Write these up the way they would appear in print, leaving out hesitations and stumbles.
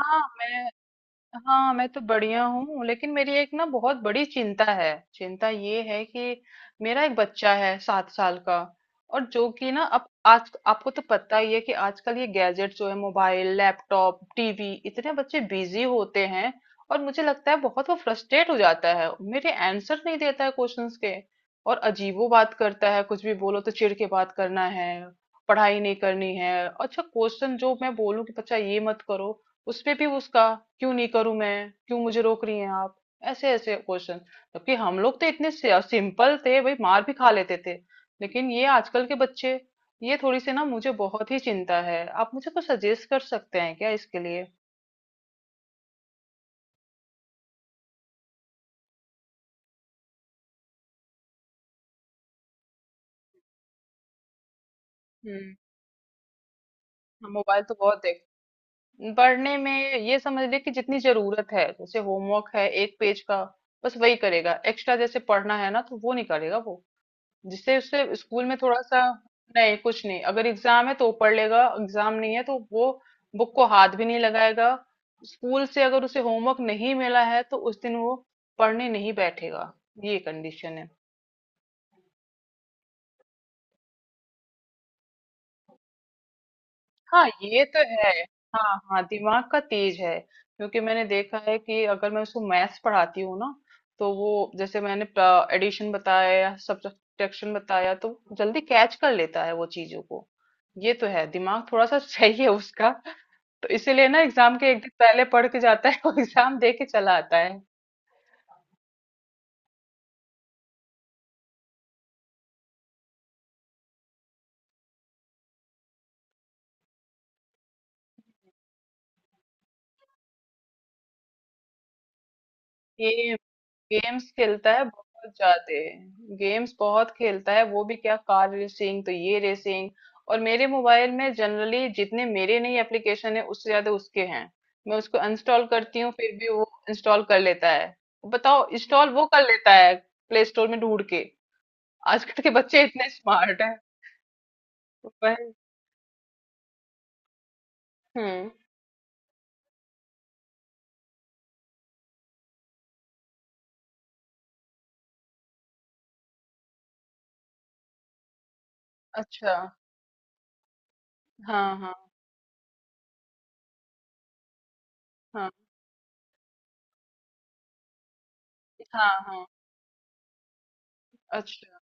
हाँ मैं हाँ मैं तो बढ़िया हूँ, लेकिन मेरी एक ना बहुत बड़ी चिंता है। चिंता ये है कि मेरा एक बच्चा है 7 साल का, और जो कि ना अब आज आपको तो पता ही है कि आजकल ये गैजेट जो है, मोबाइल, लैपटॉप, टीवी, इतने बच्चे बिजी होते हैं। और मुझे लगता है बहुत वो फ्रस्ट्रेट हो जाता है, मेरे आंसर नहीं देता है क्वेश्चंस के। और अजीबो बात करता है, कुछ भी बोलो तो चिढ़ के बात करना है। पढ़ाई नहीं करनी है। अच्छा क्वेश्चन जो मैं बोलूं कि बच्चा ये मत करो, उसपे भी उसका क्यों नहीं करूं, मैं क्यों, मुझे रोक रही हैं आप, ऐसे ऐसे क्वेश्चन। जबकि हम लोग तो इतने सिंपल थे भाई, मार भी खा लेते थे, लेकिन ये आजकल के बच्चे, ये थोड़ी सी ना मुझे बहुत ही चिंता है। आप मुझे कुछ सजेस्ट कर सकते हैं क्या इसके लिए? हम्म। मोबाइल तो बहुत देख, पढ़ने में ये समझ ले कि जितनी जरूरत है, जैसे होमवर्क है एक पेज का, बस वही करेगा। एक्स्ट्रा जैसे पढ़ना है ना, तो वो नहीं करेगा वो, जिससे उससे स्कूल में थोड़ा सा। नहीं, कुछ नहीं, अगर एग्जाम है तो वो पढ़ लेगा, एग्जाम नहीं है तो वो बुक को हाथ भी नहीं लगाएगा। स्कूल से अगर उसे होमवर्क नहीं मिला है तो उस दिन वो पढ़ने नहीं बैठेगा, ये कंडीशन है। हाँ ये तो है। हाँ हाँ, दिमाग का तेज है, क्योंकि मैंने देखा है कि अगर मैं उसको मैथ्स पढ़ाती हूँ ना, तो वो, जैसे मैंने एडिशन बताया या सब्ट्रैक्शन बताया तो जल्दी कैच कर लेता है वो चीजों को। ये तो है, दिमाग थोड़ा सा सही है उसका। तो इसीलिए ना एग्जाम के एक दिन पहले पढ़ के जाता है और एग्जाम दे के चला आता है। गेम, गेम्स खेलता है बहुत ज्यादा। गेम्स बहुत खेलता है वो, भी क्या कार रेसिंग, तो ये रेसिंग। और मेरे मोबाइल में जनरली जितने मेरे नहीं एप्लीकेशन है उससे ज्यादा उसके हैं। मैं उसको इंस्टॉल करती हूँ, फिर भी वो इंस्टॉल कर लेता है। तो बताओ, इंस्टॉल वो कर लेता है, प्ले स्टोर में ढूंढ के। आजकल के बच्चे इतने स्मार्ट हैं। तो वही- हम्म। अच्छा। हाँ हाँ। हाँ हाँ। हाँ। अच्छा।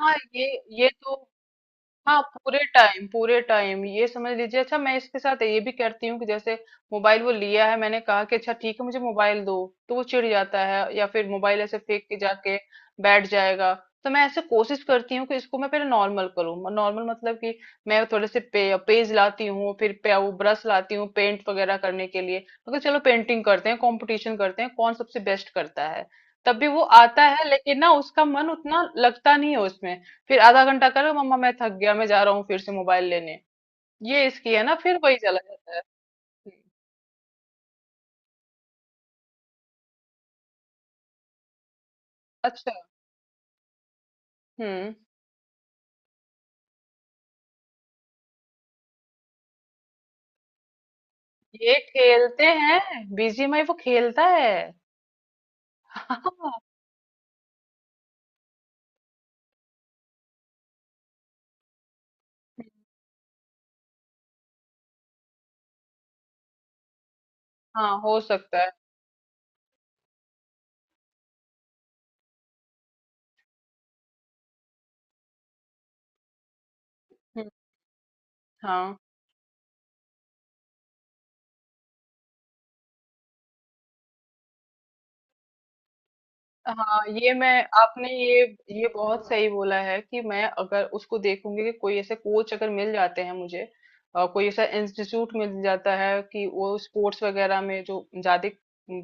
हाँ ये, ये तो हाँ, पूरे टाइम पूरे टाइम, ये समझ लीजिए। अच्छा, मैं इसके साथ ये भी करती हूँ कि जैसे मोबाइल वो लिया है, मैंने कहा कि अच्छा ठीक है, मुझे मोबाइल दो, तो वो चिढ़ जाता है, या फिर मोबाइल ऐसे फेंक के जाके बैठ जाएगा। तो मैं ऐसे कोशिश करती हूँ कि इसको मैं पहले नॉर्मल करूँ। नॉर्मल मतलब कि मैं थोड़े से पेज लाती हूँ, फिर वो ब्रश लाती हूँ पेंट वगैरह करने के लिए। मतलब चलो पेंटिंग करते हैं, कंपटीशन करते हैं, कौन सबसे बेस्ट करता है। तब भी वो आता है, लेकिन ना उसका मन उतना लगता नहीं है उसमें। फिर आधा घंटा करो, मम्मा मैं थक गया, मैं जा रहा हूँ फिर से मोबाइल लेने। ये इसकी है ना, फिर वही चला जाता है। हम्म। अच्छा। हम्म। ये खेलते हैं, BGMI वो खेलता है हाँ। हाँ, हो सकता है। हम्म। हाँ हाँ ये मैं, आपने ये बहुत सही बोला है कि मैं अगर उसको देखूंगी कि कोई ऐसे कोच अगर मिल जाते हैं मुझे, कोई ऐसा इंस्टीट्यूट मिल जाता है कि वो स्पोर्ट्स वगैरह में जो ज्यादा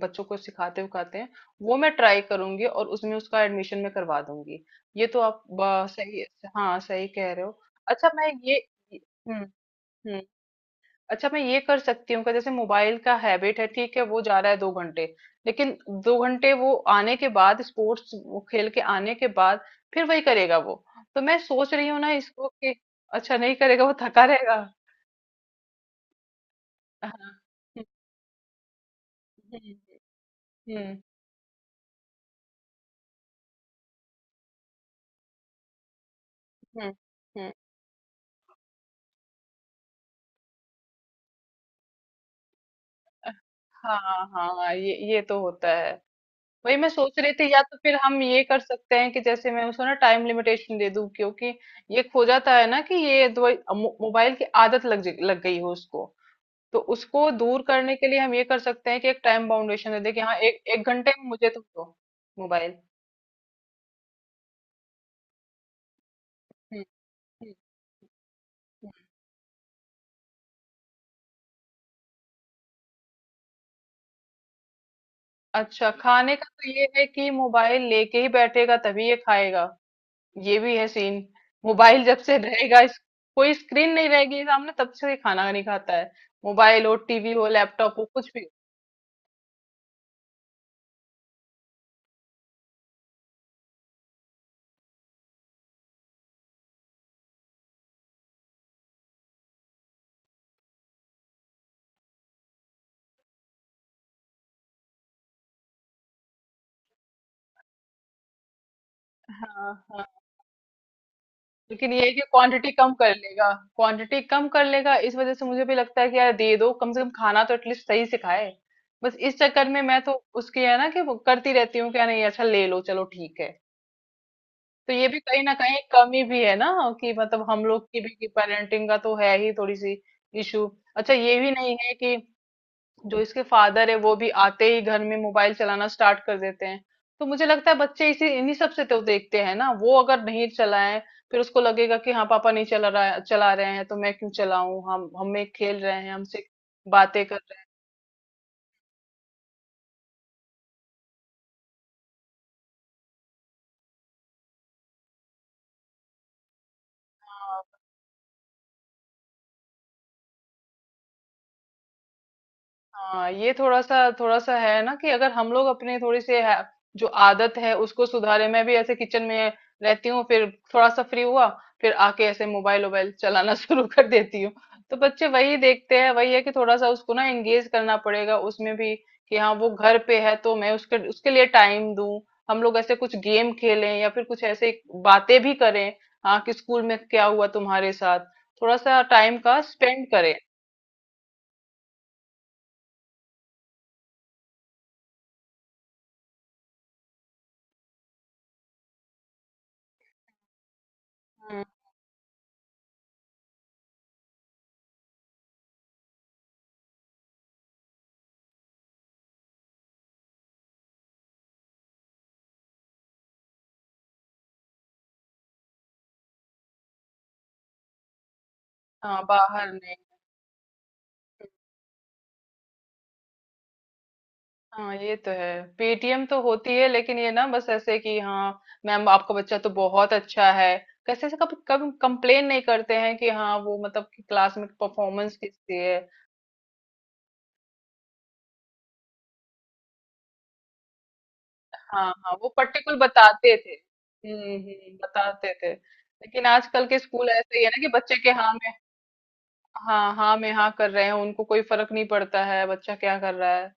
बच्चों को सिखाते उखाते हैं, वो मैं ट्राई करूंगी और उसमें उसका एडमिशन में करवा दूंगी। ये तो सही। हाँ सही कह रहे हो। अच्छा मैं ये, हम्म। हम्म। अच्छा, मैं ये कर सकती हूँ कि जैसे मोबाइल का हैबिट है, ठीक है वो जा रहा है 2 घंटे, लेकिन 2 घंटे वो आने के बाद, स्पोर्ट्स खेल के आने के बाद, फिर वही करेगा वो। तो मैं सोच रही हूँ ना इसको कि, अच्छा नहीं करेगा, वो थका रहेगा। हाँ। हम्म। हम्म। हम्म। हम्म। हाँ हाँ, ये तो होता है। वही मैं सोच रही थी, या तो फिर हम ये कर सकते हैं कि जैसे मैं उसको ना टाइम लिमिटेशन दे दूं, क्योंकि ये खो जाता है ना कि मोबाइल की आदत लग गई हो उसको, तो उसको दूर करने के लिए हम ये कर सकते हैं कि एक टाइम बाउंडेशन दे दें कि हाँ 1-1 घंटे में मुझे तुम दो मोबाइल। हम्म। हम्म। हम्म। अच्छा, खाने का तो ये है कि मोबाइल लेके ही बैठेगा, तभी ये खाएगा। ये भी है सीन। मोबाइल जब से रहेगा कोई स्क्रीन नहीं रहेगी सामने, तब से ये खाना नहीं खाता है, मोबाइल हो, टीवी हो, लैपटॉप हो, कुछ भी। हाँ, लेकिन ये है कि क्वांटिटी कम कर लेगा, क्वांटिटी कम कर लेगा, इस वजह से मुझे भी लगता है कि यार दे दो, कम से कम खाना तो एटलीस्ट सही से खाए। बस इस चक्कर में मैं तो उसकी है ना कि वो करती रहती हूँ, क्या नहीं, अच्छा ले लो चलो ठीक है। तो ये भी कहीं ना कहीं कमी भी है ना, कि मतलब हम लोग की भी पेरेंटिंग का तो है ही थोड़ी सी इशू। अच्छा ये भी नहीं है कि जो इसके फादर है वो भी आते ही घर में मोबाइल चलाना स्टार्ट कर देते हैं, तो मुझे लगता है बच्चे इसी इन्हीं सबसे तो देखते हैं ना। वो अगर नहीं चलाएं फिर उसको लगेगा कि हाँ पापा नहीं चला रहा, चला रहे हैं तो मैं क्यों चलाऊं, हम हमें खेल रहे हैं, हमसे बातें कर रहे हैं। हाँ। हाँ, ये थोड़ा सा है ना कि अगर हम लोग अपने थोड़ी सी है, जो आदत है उसको सुधारे, मैं भी ऐसे किचन में रहती हूँ, फिर थोड़ा सा फ्री हुआ, फिर आके ऐसे मोबाइल वोबाइल चलाना शुरू कर देती हूँ। तो बच्चे वही देखते हैं। वही है कि थोड़ा सा उसको ना एंगेज करना पड़ेगा उसमें भी, कि हाँ वो घर पे है तो मैं उसके उसके लिए टाइम दूं, हम लोग ऐसे कुछ गेम खेलें, या फिर कुछ ऐसे बातें भी करें, हाँ कि स्कूल में क्या हुआ तुम्हारे साथ, थोड़ा सा टाइम का स्पेंड करें। हम्म। हाँ बाहर नहीं। हाँ ये तो है, PTM तो होती है, लेकिन ये ना बस ऐसे कि हाँ मैम आपका बच्चा तो बहुत अच्छा है, कैसे से। कभी कभी कंप्लेन नहीं करते हैं कि हाँ वो मतलब कि क्लास में परफॉर्मेंस किसकी है। हाँ हाँ वो पर्टिकुलर बताते थे। हम्म, बताते थे, लेकिन आजकल के स्कूल ऐसे ही है ना कि बच्चे के हाँ में हाँ, हाँ में हाँ कर रहे हैं, उनको कोई फर्क नहीं पड़ता है बच्चा क्या कर रहा है।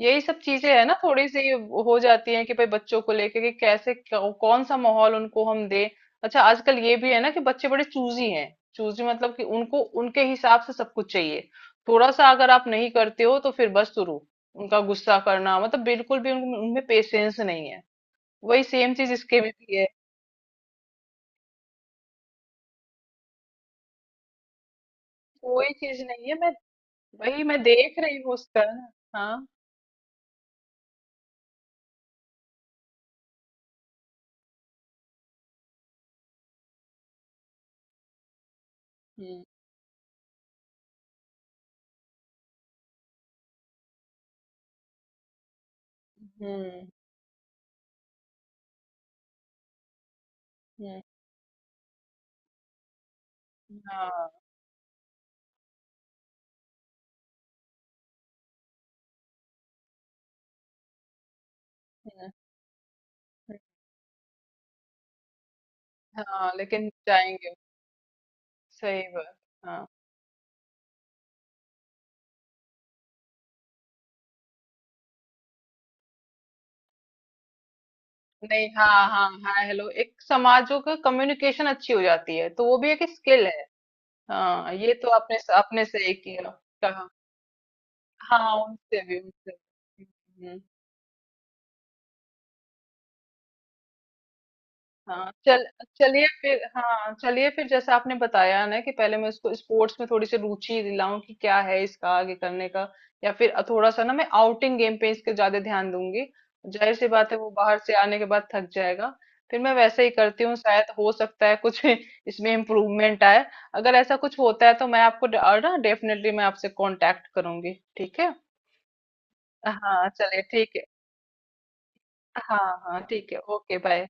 यही सब चीजें है ना थोड़ी सी हो जाती है कि भाई बच्चों को लेके कि कैसे कौन सा माहौल उनको हम दें। अच्छा आजकल ये भी है ना कि बच्चे बड़े चूजी हैं। चूजी मतलब कि उनको उनके हिसाब से सब कुछ चाहिए। थोड़ा सा अगर आप नहीं करते हो तो फिर बस शुरू उनका गुस्सा करना, मतलब बिल्कुल भी उनमें पेशेंस नहीं है। वही सेम चीज इसके में भी है, कोई चीज नहीं है। मैं, वही मैं देख रही हूँ उसका ना। हाँ। हम्म। हम्म। हम्म। हाँ। हम्म। हम्म। हाँ लेकिन जाएंगे। सही बात। हाँ। नहीं हाँ हाँ हाँ हेलो, एक समाजों का कम्युनिकेशन अच्छी हो जाती है, तो वो भी एक स्किल है। हाँ ये तो आपने अपने से ही किया। कहा। हाँ उनसे भी उनसे भी। हाँ चल, चलिए फिर, हाँ चलिए फिर जैसा आपने बताया ना कि पहले मैं इसको स्पोर्ट्स में थोड़ी सी रुचि दिलाऊं, कि क्या है इसका आगे करने का। या फिर थोड़ा सा ना मैं आउटिंग गेम पे इसके ज्यादा ध्यान दूंगी। जाहिर सी बात है वो बाहर से आने के बाद थक जाएगा, फिर मैं वैसे ही करती हूँ, शायद हो सकता है कुछ इसमें इम्प्रूवमेंट आए। अगर ऐसा कुछ होता है तो मैं और ना डेफिनेटली मैं आपसे कांटेक्ट करूंगी, ठीक है। हाँ चलिए ठीक है। हाँ। हाँ ठीक है, ओके बाय।